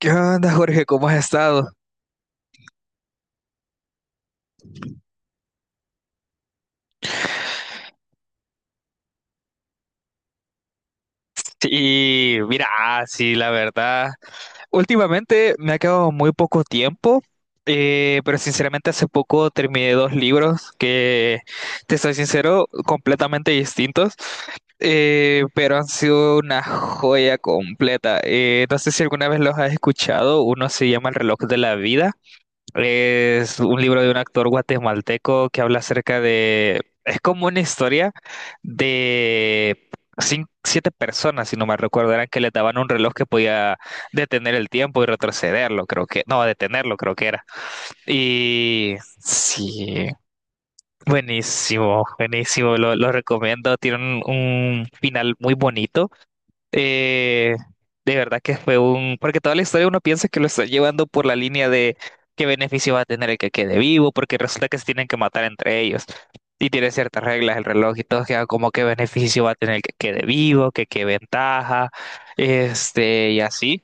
¿Qué onda, Jorge? ¿Cómo has estado? Sí, mira, sí, la verdad. Últimamente me ha quedado muy poco tiempo, pero sinceramente hace poco terminé dos libros que, te soy sincero, completamente distintos, pero han sido una joya completa. No sé si alguna vez los has escuchado, uno se llama El reloj de la vida. Es un libro de un actor guatemalteco que habla acerca de... Es como una historia de siete personas, si no me recuerdo, eran que le daban un reloj que podía detener el tiempo y retrocederlo, creo que... No, detenerlo, creo que era. Y sí, buenísimo, buenísimo, lo recomiendo. Tiene un final muy bonito. Eh, de verdad que fue un... Porque toda la historia uno piensa que lo está llevando por la línea de qué beneficio va a tener el que quede vivo, porque resulta que se tienen que matar entre ellos. Y tiene ciertas reglas el reloj y todo, que como qué beneficio va a tener el que quede vivo, que qué ventaja, este, y así.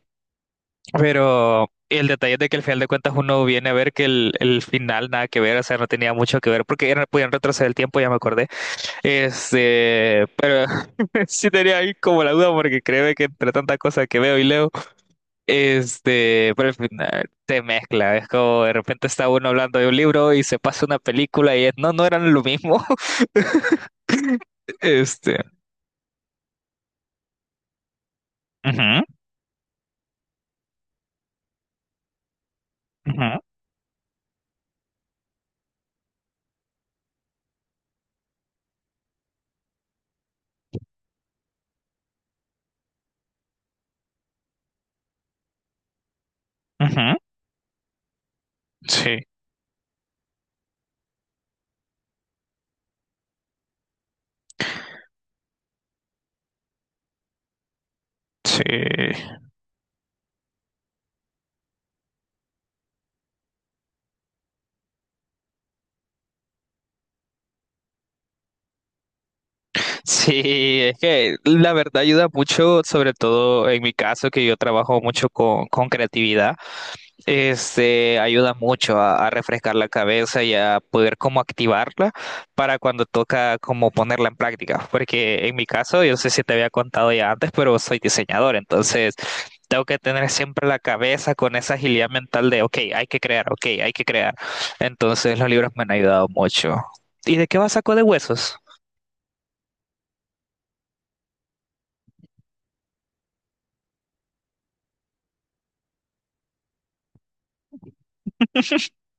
Pero el detalle es de que al final de cuentas uno viene a ver que el final nada que ver, o sea, no tenía mucho que ver, porque podían retroceder el tiempo, ya me acordé. Este, sí tenía ahí como la duda porque creo que entre tantas cosas que veo y leo, este, pero al final se mezcla, es como de repente está uno hablando de un libro y se pasa una película y es, no, no eran lo mismo. Este. Ujú, ujú, ujú. Sí, sí. Sí, es que la verdad ayuda mucho, sobre todo en mi caso, que yo trabajo mucho con creatividad. Este ayuda mucho a refrescar la cabeza y a poder como activarla para cuando toca como ponerla en práctica. Porque en mi caso, yo no sé si te había contado ya antes, pero soy diseñador, entonces tengo que tener siempre la cabeza con esa agilidad mental de, ok, hay que crear, ok, hay que crear. Entonces los libros me han ayudado mucho. ¿Y de qué va Saco de Huesos?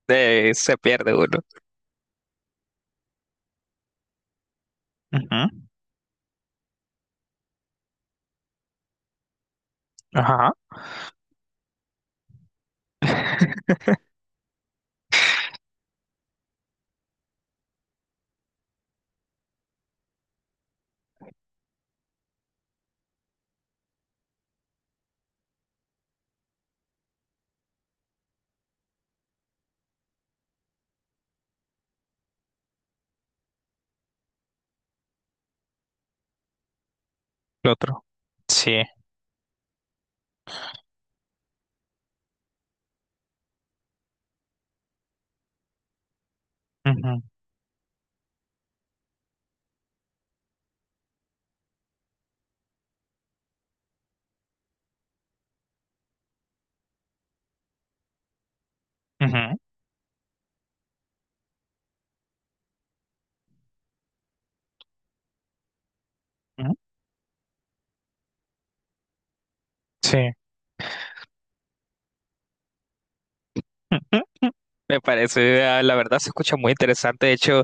De, se pierde uno. Ujú. Ajá, el otro. Sí. Ujú, ujú, ujú. Sí. Me parece, la verdad se escucha muy interesante. De hecho,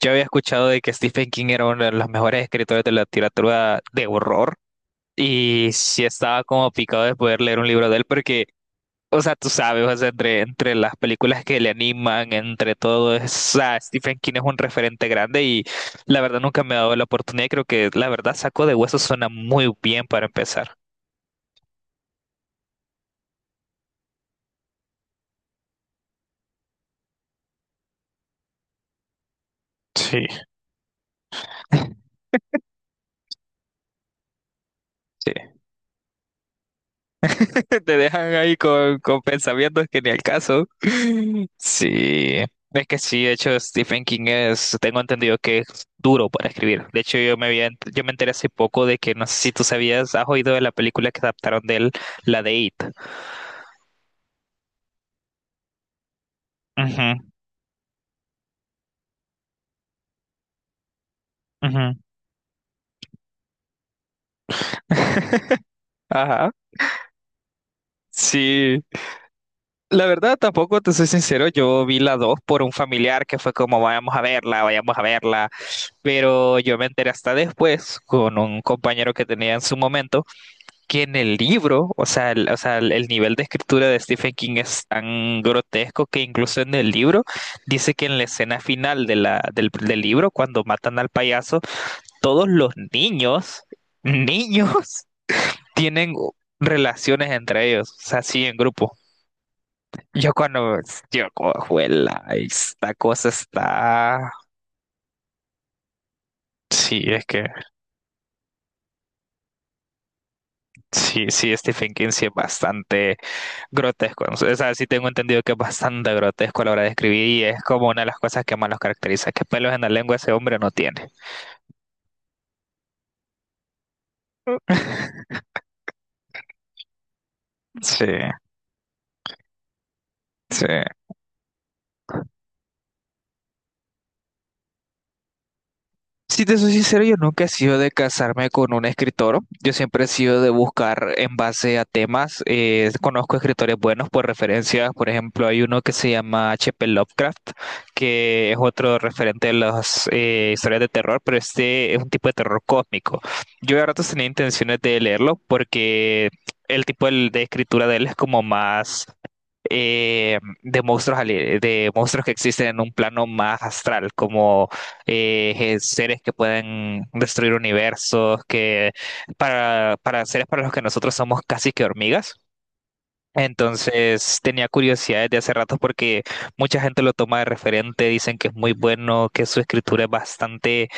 yo había escuchado de que Stephen King era uno de los mejores escritores de la literatura de horror y sí estaba como picado de poder leer un libro de él porque, o sea, tú sabes, o sea, entre las películas que le animan, entre todo, o sea, Stephen King es un referente grande y la verdad nunca me ha dado la oportunidad. Creo que la verdad Saco de Huesos suena muy bien para empezar. Sí. Sí. Te dejan ahí con pensamientos que ni al caso. Sí, es que sí, de hecho Stephen King es, tengo entendido que es duro para escribir. De hecho yo me había, yo me enteré hace poco de que, no sé si tú sabías, has oído de la película que adaptaron de él, la de It. Ujú, ujú. Ajá. Sí, la verdad tampoco te soy sincero, yo vi la 2 por un familiar que fue como vayamos a verla, pero yo me enteré hasta después con un compañero que tenía en su momento que en el libro, o sea, o sea, el nivel de escritura de Stephen King es tan grotesco que incluso en el libro dice que en la escena final de del libro, cuando matan al payaso, todos los niños, niños, tienen relaciones entre ellos, o sea, sí, en grupo. Yo cuando, yo cojo esta cosa está... Sí, es que sí, sí, Stephen King sí es bastante grotesco, ¿no? O sea, sí tengo entendido que es bastante grotesco a la hora de escribir y es como una de las cosas que más los caracteriza, que pelos en la lengua ese hombre no tiene. Sí, sí. Si te soy sincero, yo nunca he sido de casarme con un escritor. Yo siempre he sido de buscar en base a temas. Conozco escritores buenos por referencias. Por ejemplo, hay uno que se llama H. P. Lovecraft, que es otro referente de las historias de terror, pero este es un tipo de terror cósmico. Yo a ratos tenía intenciones de leerlo porque el tipo de escritura de él es como más de monstruos de monstruos que existen en un plano más astral, como seres que pueden destruir universos, que para seres para los que nosotros somos casi que hormigas. Entonces tenía curiosidad desde hace rato porque mucha gente lo toma de referente, dicen que es muy bueno, que su escritura es bastante,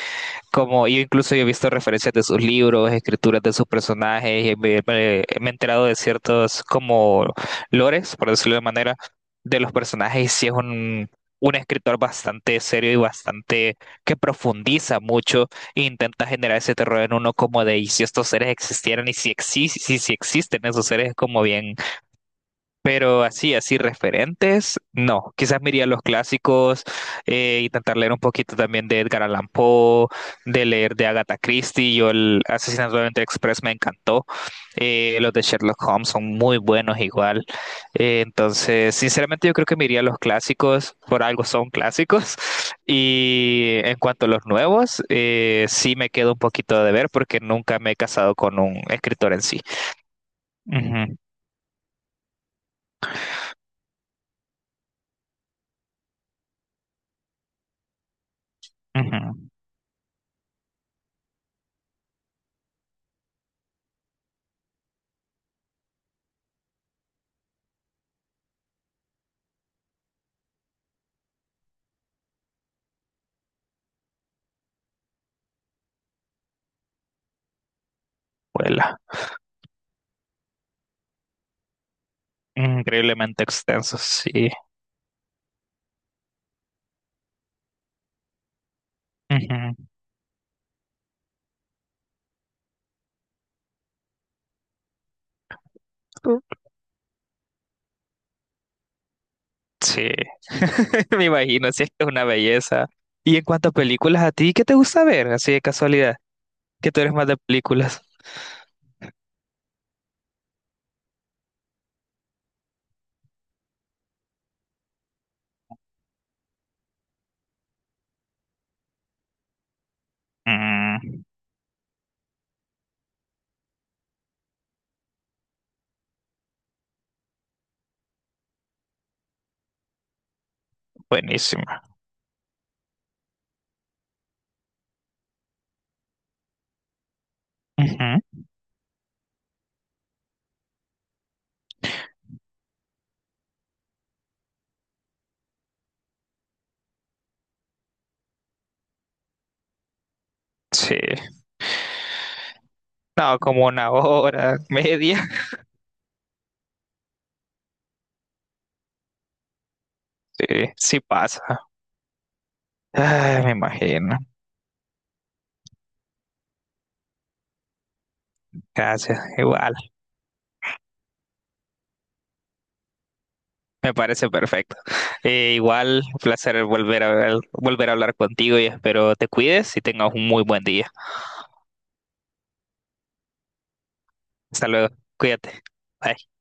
como yo incluso he visto referencias de sus libros, escrituras de sus personajes, y me he enterado de ciertos como lores, por decirlo de manera, de los personajes, y sí es un escritor bastante serio y bastante, que profundiza mucho e intenta generar ese terror en uno como de, y si estos seres existieran, y si, si, si existen esos seres, es como bien, pero así, así referentes, no. Quizás miraría los clásicos, intentar leer un poquito también de Edgar Allan Poe, de leer de Agatha Christie. Yo el Asesinato de Oriente Express me encantó. Los de Sherlock Holmes son muy buenos igual. Entonces, sinceramente yo creo que miraría los clásicos, por algo son clásicos. Y en cuanto a los nuevos, sí me quedo un poquito de ver porque nunca me he casado con un escritor en sí. Ujú, ujú. Vuela. Increíblemente extensos, sí. Ujú. Sí, me imagino, sí, es que es una belleza. Y en cuanto a películas, ¿a ti qué te gusta ver? Así de casualidad, que tú eres más de películas. Mm, buenísima. Ujú. Sí, no, como una hora, media. Sí, sí pasa. Ay, me imagino. Gracias, igual, me parece perfecto. Igual, un placer volver a hablar contigo y espero te cuides y tengas un muy buen día. Hasta luego, cuídate. Bye.